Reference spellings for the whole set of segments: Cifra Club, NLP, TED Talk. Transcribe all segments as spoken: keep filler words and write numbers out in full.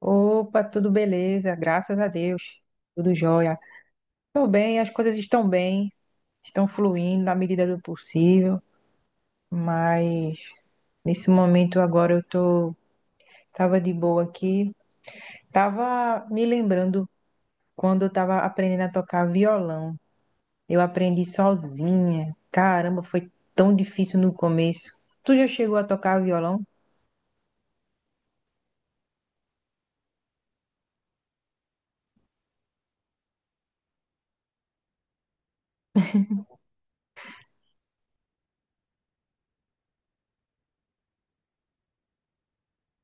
Opa, tudo beleza, graças a Deus, tudo jóia. Tô bem, as coisas estão bem, estão fluindo na medida do possível, mas nesse momento agora eu tô, tava de boa aqui, tava me lembrando quando eu tava aprendendo a tocar violão. Eu aprendi sozinha, caramba, foi tão difícil no começo. Tu já chegou a tocar violão?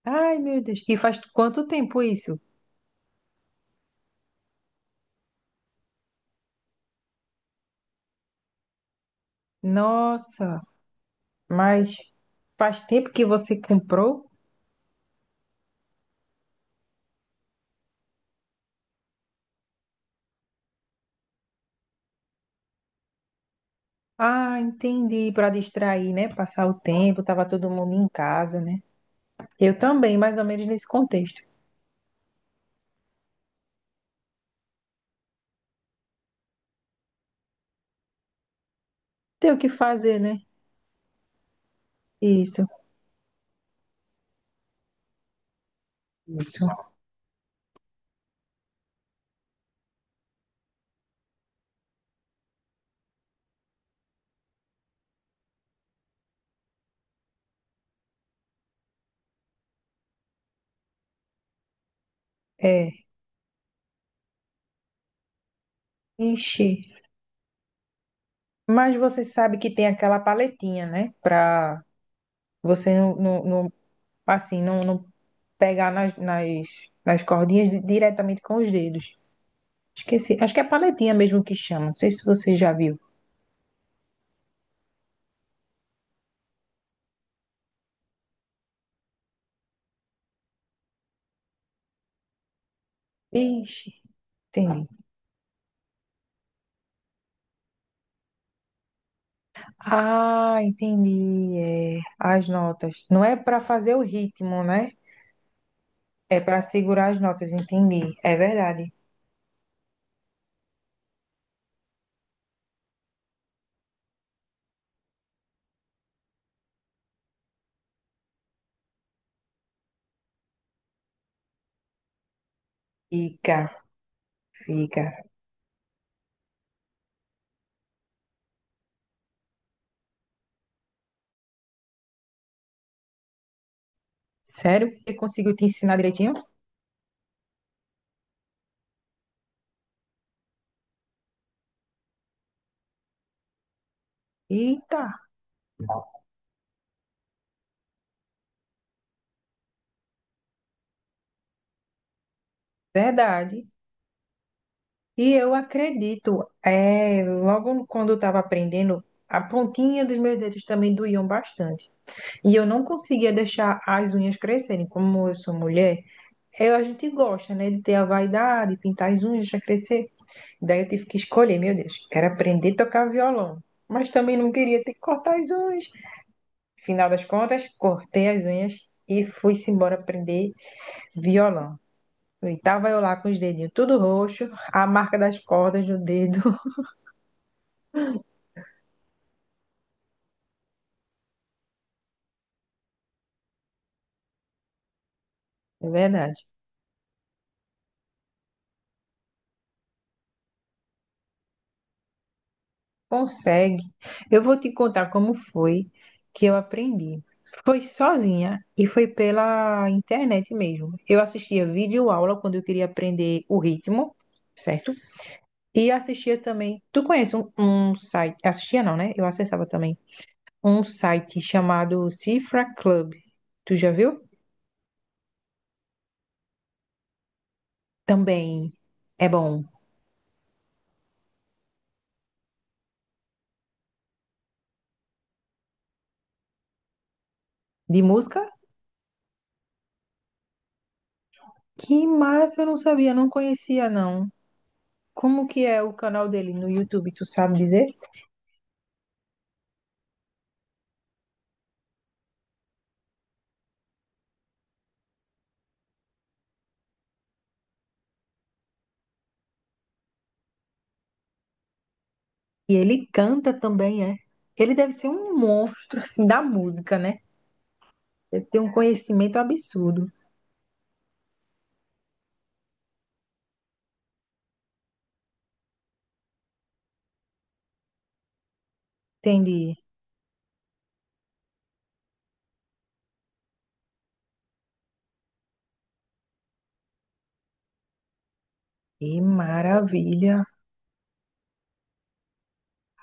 Ai, meu Deus, e faz quanto tempo isso? Nossa, mas faz tempo que você comprou? Ah, entendi. Para distrair, né? Passar o tempo, tava todo mundo em casa, né? Eu também, mais ou menos nesse contexto. Tem o que fazer, né? Isso, isso. É. Ixi. Mas você sabe que tem aquela paletinha, né? Para você não, não, não- assim, não, não pegar nas, nas, nas cordinhas di- diretamente com os dedos. Esqueci. Acho que é paletinha mesmo que chama. Não sei se você já viu. Ixi, entendi. Ah, entendi. É, as notas. Não é para fazer o ritmo, né? É para segurar as notas, entendi. É verdade. Fica, fica. Sério que ele conseguiu te ensinar direitinho? Eita, verdade. E eu acredito, é, logo quando eu estava aprendendo, a pontinha dos meus dedos também doíam bastante. E eu não conseguia deixar as unhas crescerem. Como eu sou mulher, eu, a gente gosta, né, de ter a vaidade, pintar as unhas, deixar crescer. Daí eu tive que escolher, meu Deus, quero aprender a tocar violão, mas também não queria ter que cortar as unhas. Final das contas, cortei as unhas e fui-se embora aprender violão. E tava eu lá com os dedinhos tudo roxo, a marca das cordas no dedo. É verdade. Consegue. Eu vou te contar como foi que eu aprendi. Foi sozinha e foi pela internet mesmo. Eu assistia vídeo aula quando eu queria aprender o ritmo, certo? E assistia também. Tu conhece um, um site? Assistia não, né? Eu acessava também. Um site chamado Cifra Club. Tu já viu? Também é bom. De música? Que massa, eu não sabia, não conhecia, não. Como que é o canal dele no YouTube, tu sabe dizer? E ele canta também, é. Ele deve ser um monstro, assim, da música, né? Deve ter um conhecimento absurdo. Entendi. Que maravilha.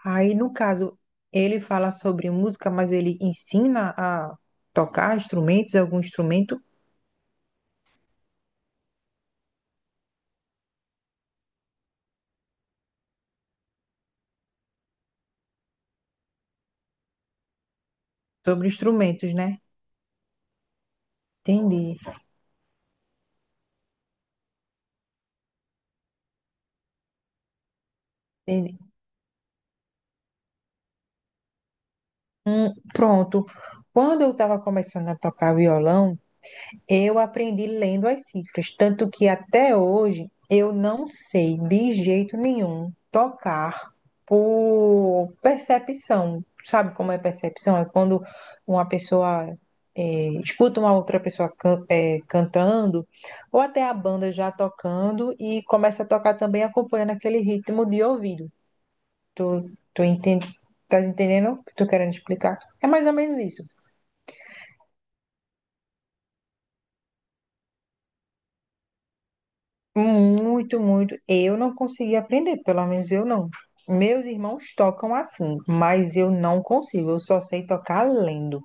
Aí, no caso, ele fala sobre música, mas ele ensina a tocar instrumentos, algum instrumento, sobre instrumentos, né? Entendi, entendi. Hum, pronto. Quando eu estava começando a tocar violão, eu aprendi lendo as cifras, tanto que até hoje eu não sei de jeito nenhum tocar por percepção. Sabe como é percepção? É quando uma pessoa é, escuta uma outra pessoa can- é, cantando, ou até a banda já tocando e começa a tocar também acompanhando aquele ritmo de ouvido. Tu, tu entende? Estás entendendo o que eu tô querendo explicar? É mais ou menos isso. Muito, muito. Eu não consegui aprender, pelo menos eu não. Meus irmãos tocam assim, mas eu não consigo. Eu só sei tocar lendo,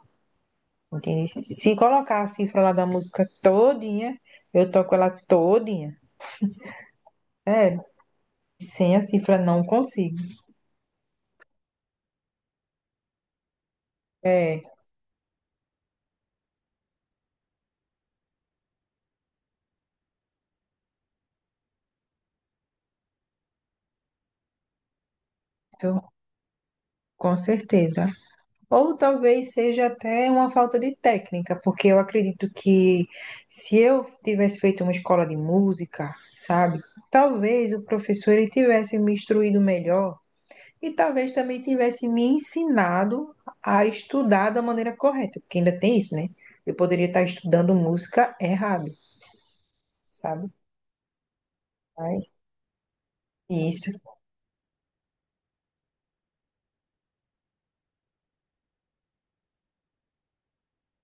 entende? Se colocar a cifra lá da música todinha, eu toco ela todinha. É, sem a cifra não consigo. É, isso, com certeza. Ou talvez seja até uma falta de técnica, porque eu acredito que se eu tivesse feito uma escola de música, sabe? Talvez o professor ele tivesse me instruído melhor e talvez também tivesse me ensinado a estudar da maneira correta, porque ainda tem isso, né? Eu poderia estar estudando música errado, sabe? Mas isso,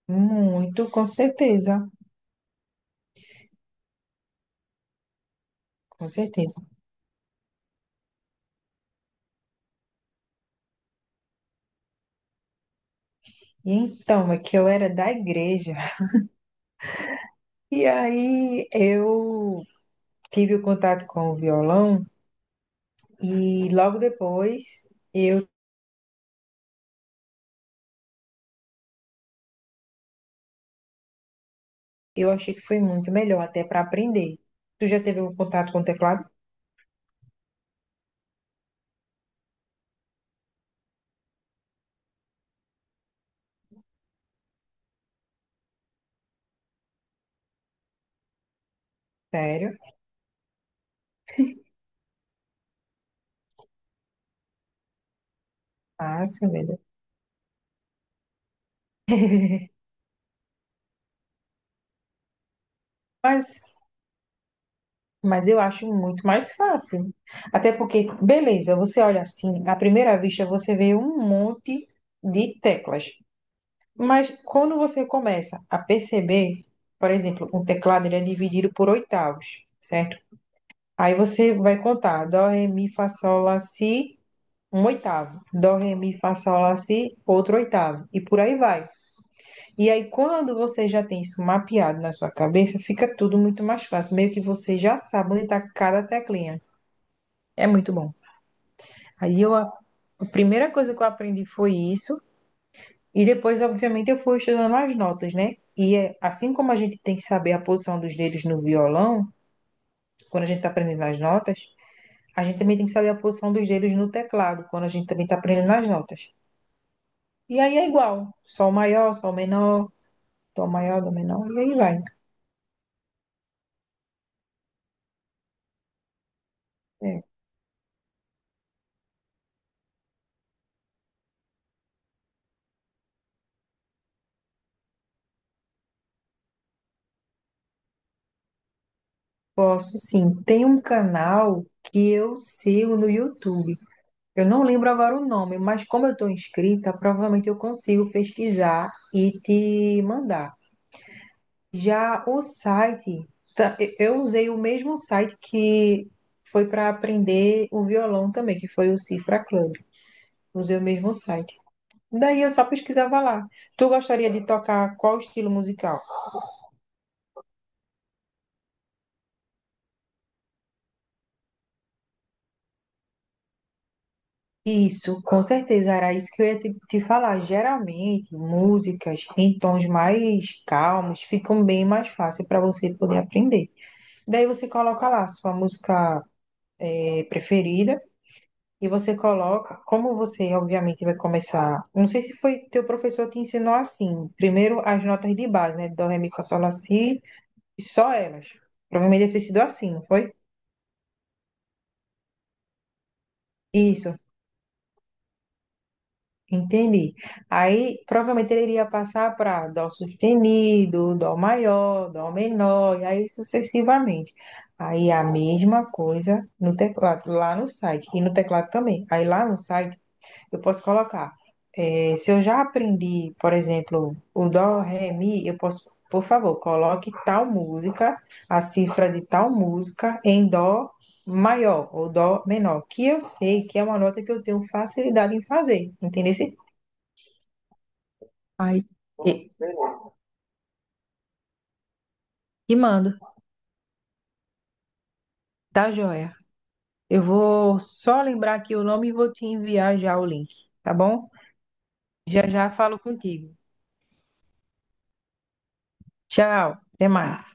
muito, com certeza, com certeza. E então, é que eu era da igreja. E aí eu tive o contato com o violão e logo depois eu, eu achei que foi muito melhor até para aprender. Tu já teve um contato com o teclado? Sério? Ah, sim, beleza. Mas, mas eu acho muito mais fácil. Até porque, beleza, você olha assim, à primeira vista você vê um monte de teclas. Mas quando você começa a perceber, por exemplo, um teclado ele é dividido por oitavos, certo? Aí você vai contar dó, ré, mi, fá, sol, lá, si, um oitavo. Dó, ré, mi, fá, sol, lá, si, outro oitavo. E por aí vai. E aí, quando você já tem isso mapeado na sua cabeça, fica tudo muito mais fácil. Meio que você já sabe onde está cada teclinha. É muito bom. Aí, eu, a primeira coisa que eu aprendi foi isso. E depois, obviamente, eu fui estudando as notas, né? E é, assim como a gente tem que saber a posição dos dedos no violão, quando a gente está aprendendo as notas, a gente também tem que saber a posição dos dedos no teclado, quando a gente também está aprendendo as notas. E aí é igual, sol maior, sol menor, dó maior, dó menor, e aí vai. É, posso sim. Tem um canal que eu sigo no YouTube. Eu não lembro agora o nome, mas como eu estou inscrita, provavelmente eu consigo pesquisar e te mandar. Já o site, tá- eu usei o mesmo site que foi para aprender o violão também, que foi o Cifra Club. Usei o mesmo site. Daí eu só pesquisava lá. Tu gostaria de tocar qual estilo musical? Isso, com certeza, era isso que eu ia te, te falar. Geralmente, músicas em tons mais calmos ficam bem mais fácil para você poder aprender. Daí você coloca lá a sua música eh, preferida e você coloca, como você obviamente vai começar, não sei se foi teu professor te ensinou assim, primeiro as notas de base, né? Dó, ré, mi, fá, sol, lá, si, e só elas. Provavelmente deve ter sido assim, não foi? Isso. Entendi. Aí provavelmente ele iria passar para dó sustenido, dó maior, dó menor, e aí sucessivamente. Aí a mesma coisa no teclado, lá no site, e no teclado também. Aí lá no site eu posso colocar. eh, se eu já aprendi, por exemplo, o dó, ré, mi, eu posso, por favor, coloque tal música, a cifra de tal música em dó maior ou dó menor, que eu sei que é uma nota que eu tenho facilidade em fazer, entendeu? Ai, e, te mando, tá joia? Eu vou só lembrar aqui o nome e vou te enviar já o link, tá bom? Já já falo contigo. Tchau, até mais.